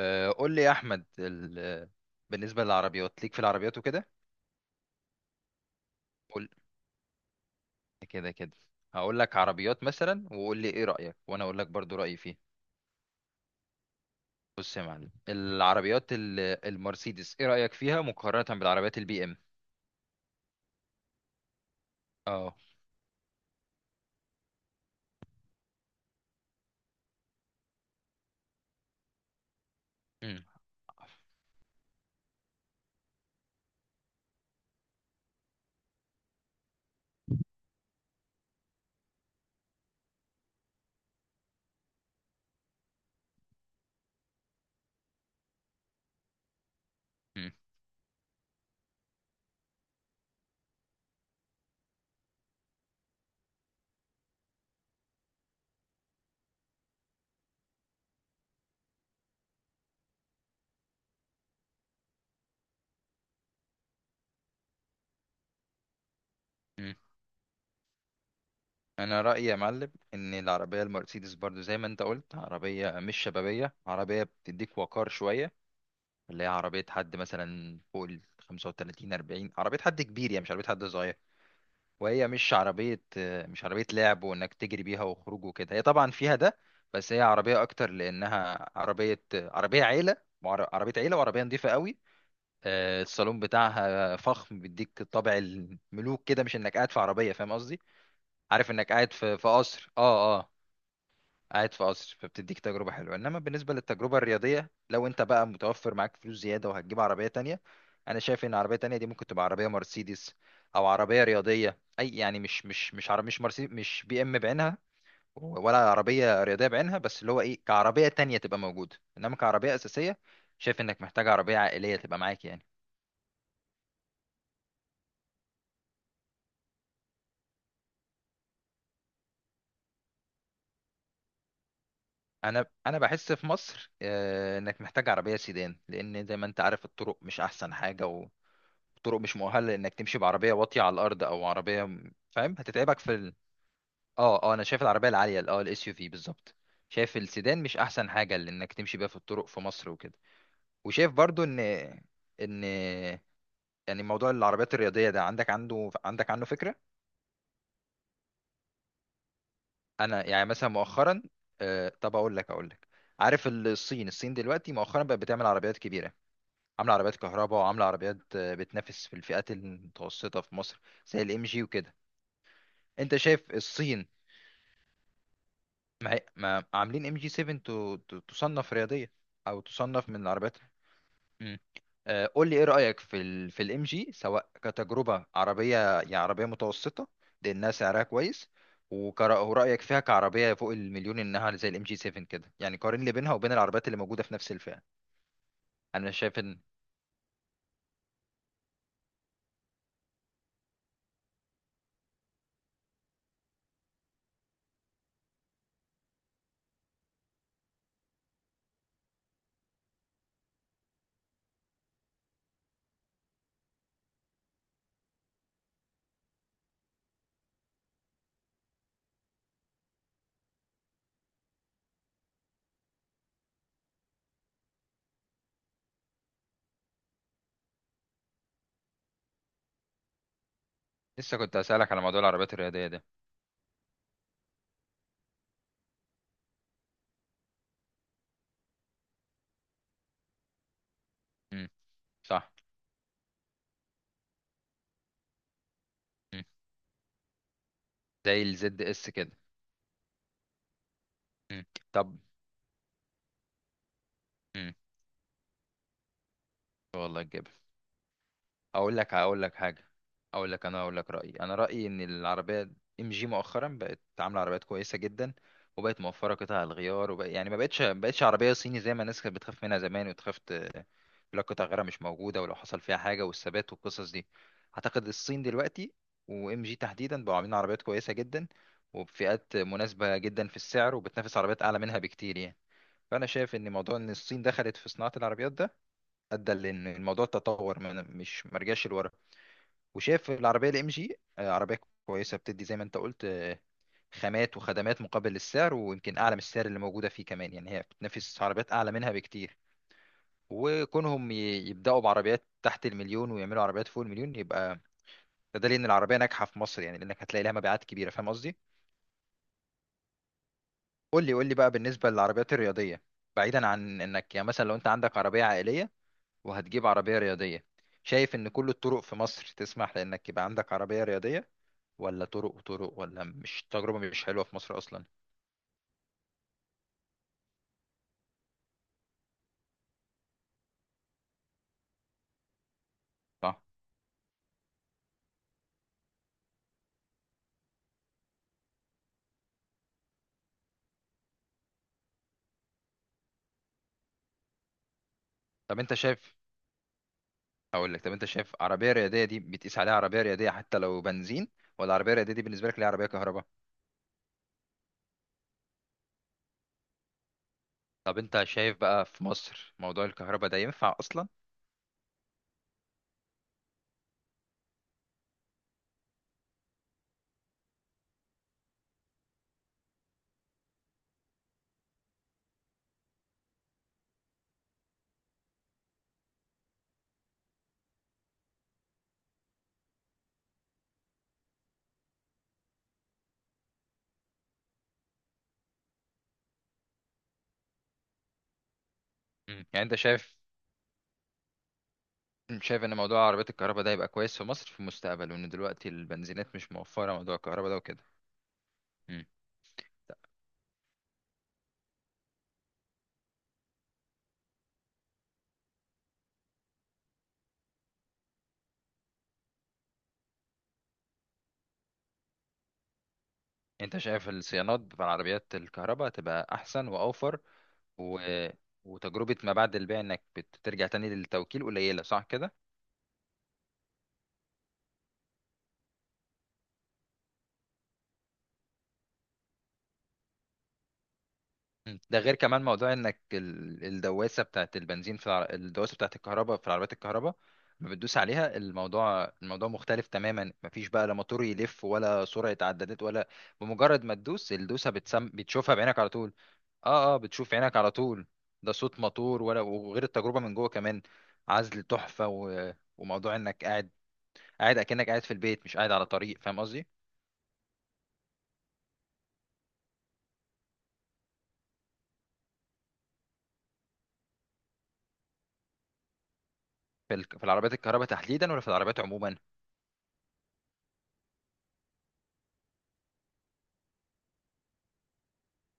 آه، قول لي يا احمد ال... بالنسبه للعربيات، ليك في العربيات وكده. قول كده كده هقول لك عربيات مثلا وقول لي ايه رايك، وانا اقول لك برضو رايي فيه. بص يا معلم العربيات ال... المرسيدس، ايه رايك فيها مقارنه بالعربيات البي ام؟ اه. مم. مم. مم. انا رايي يا معلم ان العربيه المرسيدس برضو زي ما انت قلت عربيه مش شبابيه، عربيه بتديك وقار شويه، اللي هي عربيه حد مثلا فوق ال 35 40، عربيه حد كبير يعني، مش عربيه حد صغير. وهي مش عربية، مش عربية لعب وإنك تجري بيها وخروج وكده، هي طبعا فيها ده. بس هي عربية أكتر لأنها عربية عيلة. عربية عيلة وعربية نظيفة قوي. الصالون بتاعها فخم، بيديك طابع الملوك كده، مش إنك قاعد في عربية، فاهم قصدي. عارف إنك قاعد في قصر. اه. قاعد في قصر، فبتديك تجربة حلوة. انما بالنسبة للتجربة الرياضية، لو انت بقى متوفر معاك فلوس زيادة وهتجيب عربية تانية، انا شايف ان عربية تانية دي ممكن تبقى عربية مرسيدس او عربية رياضية اي، يعني مش عربية مش مرسيدس مش بي ام بعينها، ولا عربية رياضية بعينها، بس اللي هو ايه كعربية تانية تبقى موجودة. انما كعربية اساسية، شايف انك محتاج عربية عائلية تبقى معاك يعني. انا بحس في مصر، انك محتاج عربية سيدان، لان زي ما انت عارف الطرق مش احسن حاجة، طرق مش مؤهله لانك تمشي بعربيه واطيه على الارض، او عربيه فاهم، هتتعبك في اه. انا شايف العربيه العاليه الاس يو في بالظبط. شايف السيدان مش احسن حاجه لانك تمشي بيها في الطرق في مصر وكده. وشايف برضو ان يعني موضوع العربيات الرياضيه ده، عندك عنه فكره. انا يعني مثلا مؤخرا، آه، طب اقول لك. عارف الصين دلوقتي مؤخرا بقت بتعمل عربيات كبيره، عامله عربيات كهرباء، وعامله عربيات بتنافس في الفئات المتوسطه في مصر، زي الام جي وكده. انت شايف الصين ما عاملين ام جي 7، تصنف رياضيه او تصنف من العربيات. مم. آه، قول لي ايه رايك في الام جي، سواء كتجربه، عربيه يعني عربيه متوسطه لانها سعرها كويس، ورايك فيها كعربيه فوق المليون، انها زي الام جي 7 كده. يعني قارن لي بينها وبين العربيات اللي موجوده في نفس الفئه. انا شايف ان لسه كنت هسالك على موضوع العربيات الرياضيه ده. مم. صح. مم. زي الزد اس كده. مم. طب. مم. والله. اقول لك هقول لك حاجه اقول لك انا اقول لك رايي ان العربيه ام جي مؤخرا بقت عامله عربيات كويسه جدا، وبقت موفره قطع الغيار، وبقى يعني ما بقتش عربيه صيني زي ما الناس كانت بتخاف منها زمان، وتخاف يقول لك قطع غيارها مش موجوده ولو حصل فيها حاجه، والثبات والقصص دي. اعتقد الصين دلوقتي وام جي تحديدا بقوا عاملين عربيات كويسه جدا، وبفئات مناسبه جدا في السعر، وبتنافس عربيات اعلى منها بكتير يعني. فانا شايف ان موضوع ان الصين دخلت في صناعه العربيات ده ادى لان الموضوع تطور من، مش مرجعش لورا. وشاف العربيه الام جي عربيه كويسه بتدي زي ما انت قلت، خامات وخدمات مقابل السعر، ويمكن اعلى من السعر اللي موجوده فيه كمان يعني، هي بتنافس عربيات اعلى منها بكتير. وكونهم يبداوا بعربيات تحت المليون، ويعملوا عربيات فوق المليون، يبقى ده دليل ان العربيه ناجحه في مصر يعني، لانك هتلاقي لها مبيعات كبيره، فاهم قصدي. قول لي بقى بالنسبه للعربيات الرياضيه، بعيدا عن انك يعني مثلا لو انت عندك عربيه عائليه وهتجيب عربيه رياضيه، شايف ان كل الطرق في مصر تسمح لانك يبقى عندك عربيه رياضيه، ولا طرق وطرق، ولا مش تجربة مش حلوة في مصر أصلا؟ صح. طب أنت شايف، أقول لك، طب أنت شايف عربية رياضية دي بتقيس عليها عربية رياضية حتى لو بنزين، ولا عربية رياضية دي بالنسبة لك ليها عربية كهرباء؟ طب أنت شايف بقى في مصر موضوع الكهرباء ده ينفع أصلا؟ مم. يعني أنت شايف، شايف ان موضوع عربيات الكهرباء ده يبقى كويس في مصر في المستقبل، وان دلوقتي البنزينات مش موفره موضوع الكهرباء ده وكده. مم. انت شايف الصيانات بتاع العربيات الكهرباء تبقى احسن واوفر، و... وتجربة ما بعد البيع انك بترجع تاني للتوكيل قليلة، صح كده؟ مم. ده غير كمان موضوع انك الدواسة بتاعت البنزين في الدواسة بتاعت الكهرباء في العربيات الكهرباء، ما بتدوس عليها، الموضوع مختلف تماما، مفيش بقى لا موتور يلف، ولا سرعة عدادات ولا، بمجرد ما تدوس الدوسة بتشوفها بعينك على طول. اه. بتشوف عينك على طول، ده صوت موتور ولا، وغير التجربة من جوه كمان، عزل تحفة، وموضوع انك قاعد اكنك قاعد في البيت، مش قاعد على طريق، فاهم قصدي؟ في العربيات الكهرباء تحديدا ولا في العربيات عموما؟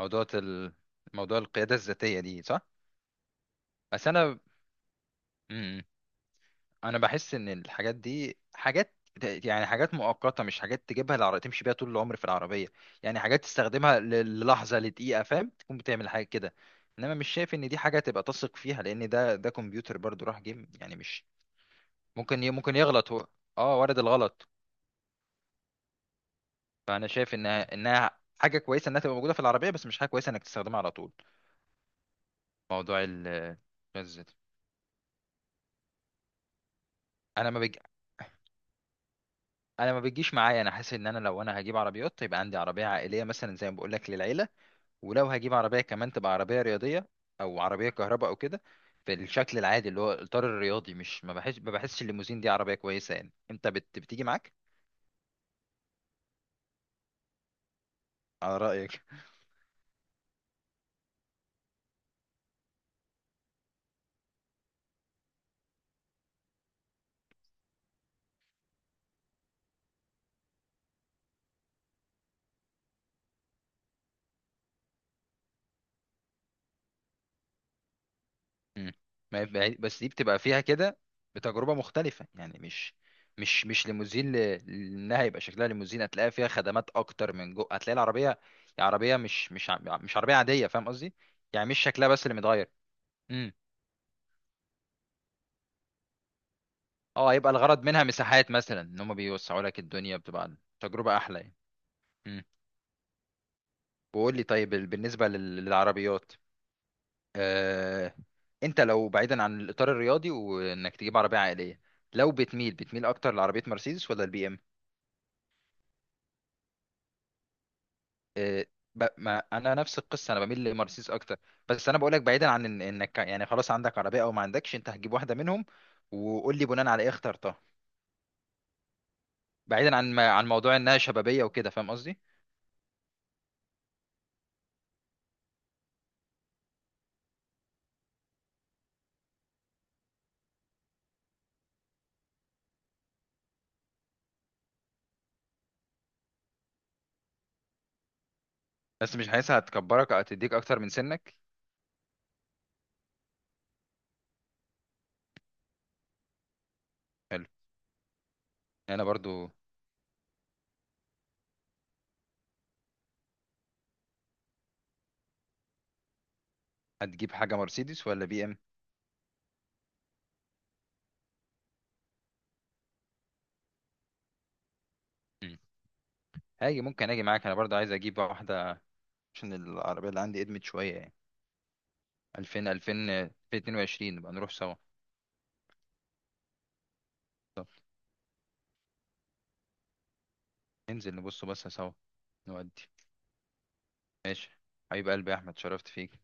موضوع ال... موضوع القياده الذاتيه دي، صح. بس انا، مم، انا بحس ان الحاجات دي حاجات، يعني حاجات مؤقته، مش حاجات تجيبها العربية تمشي بيها طول العمر في العربيه، يعني حاجات تستخدمها للحظه لدقيقه، فاهم، تكون بتعمل حاجه كده. انما مش شايف ان دي حاجه تبقى تثق فيها، لان ده كمبيوتر برضو راح جيم، يعني مش ممكن يغلط هو. اه، وارد الغلط. فانا شايف انها حاجه كويسه انها تبقى موجوده في العربيه، بس مش حاجه كويسه انك تستخدمها على طول. موضوع الزيت. انا ما بج... انا ما بتجيش معايا، انا حاسس ان انا لو هجيب عربيات يبقى عندي عربيه عائليه مثلا، زي ما بقول لك، للعيله، ولو هجيب عربيه كمان تبقى عربيه رياضيه او عربيه كهرباء او كده، بالشكل العادي اللي هو الاطار الرياضي. مش ما بحسش الليموزين دي عربيه كويسه يعني، انت بتيجي معاك، على رايك. مم. بس دي بتبقى فيها كده بتجربة مختلفة، يعني مش ليموزين لانها يبقى شكلها ليموزين، هتلاقي فيها خدمات اكتر من جو، هتلاقي العربية عربية مش عربية عادية، فاهم قصدي. يعني مش شكلها بس اللي متغير. امم. اه، يبقى الغرض منها مساحات مثلا، ان هم بيوسعوا لك الدنيا، بتبقى تجربة احلى يعني. امم. وقول لي طيب، للعربيات آه... انت لو بعيدا، آه، ما انا نفس القصه، انا بميل لمرسيدس اكتر. بس انا بقول لك، بعيدا عن انك يعني خلاص عندك عربيه او ما عندكش، انت هتجيب واحده منهم وقول لي بناء على ايه اخترتها، بعيدا عن ما... عن موضوع انها شبابيه وكده، فاهم قصدي. بس مش حاسسها هتكبرك او هتديك اكتر من سنك. حلو. انا برضو. هتجيب حاجه مرسيدس ولا بي ام؟ مم. هاجي، ممكن اجي معاك، انا برضو عايز اجيب واحده، عشان العربيه اللي عندي ادمت شويه يعني. 2000 2000 2022 نبقى نروح سوا. طب ننزل نبص بصه سوا. نودي. ماشي. حبيب قلبي يا احمد، شرفت فيك.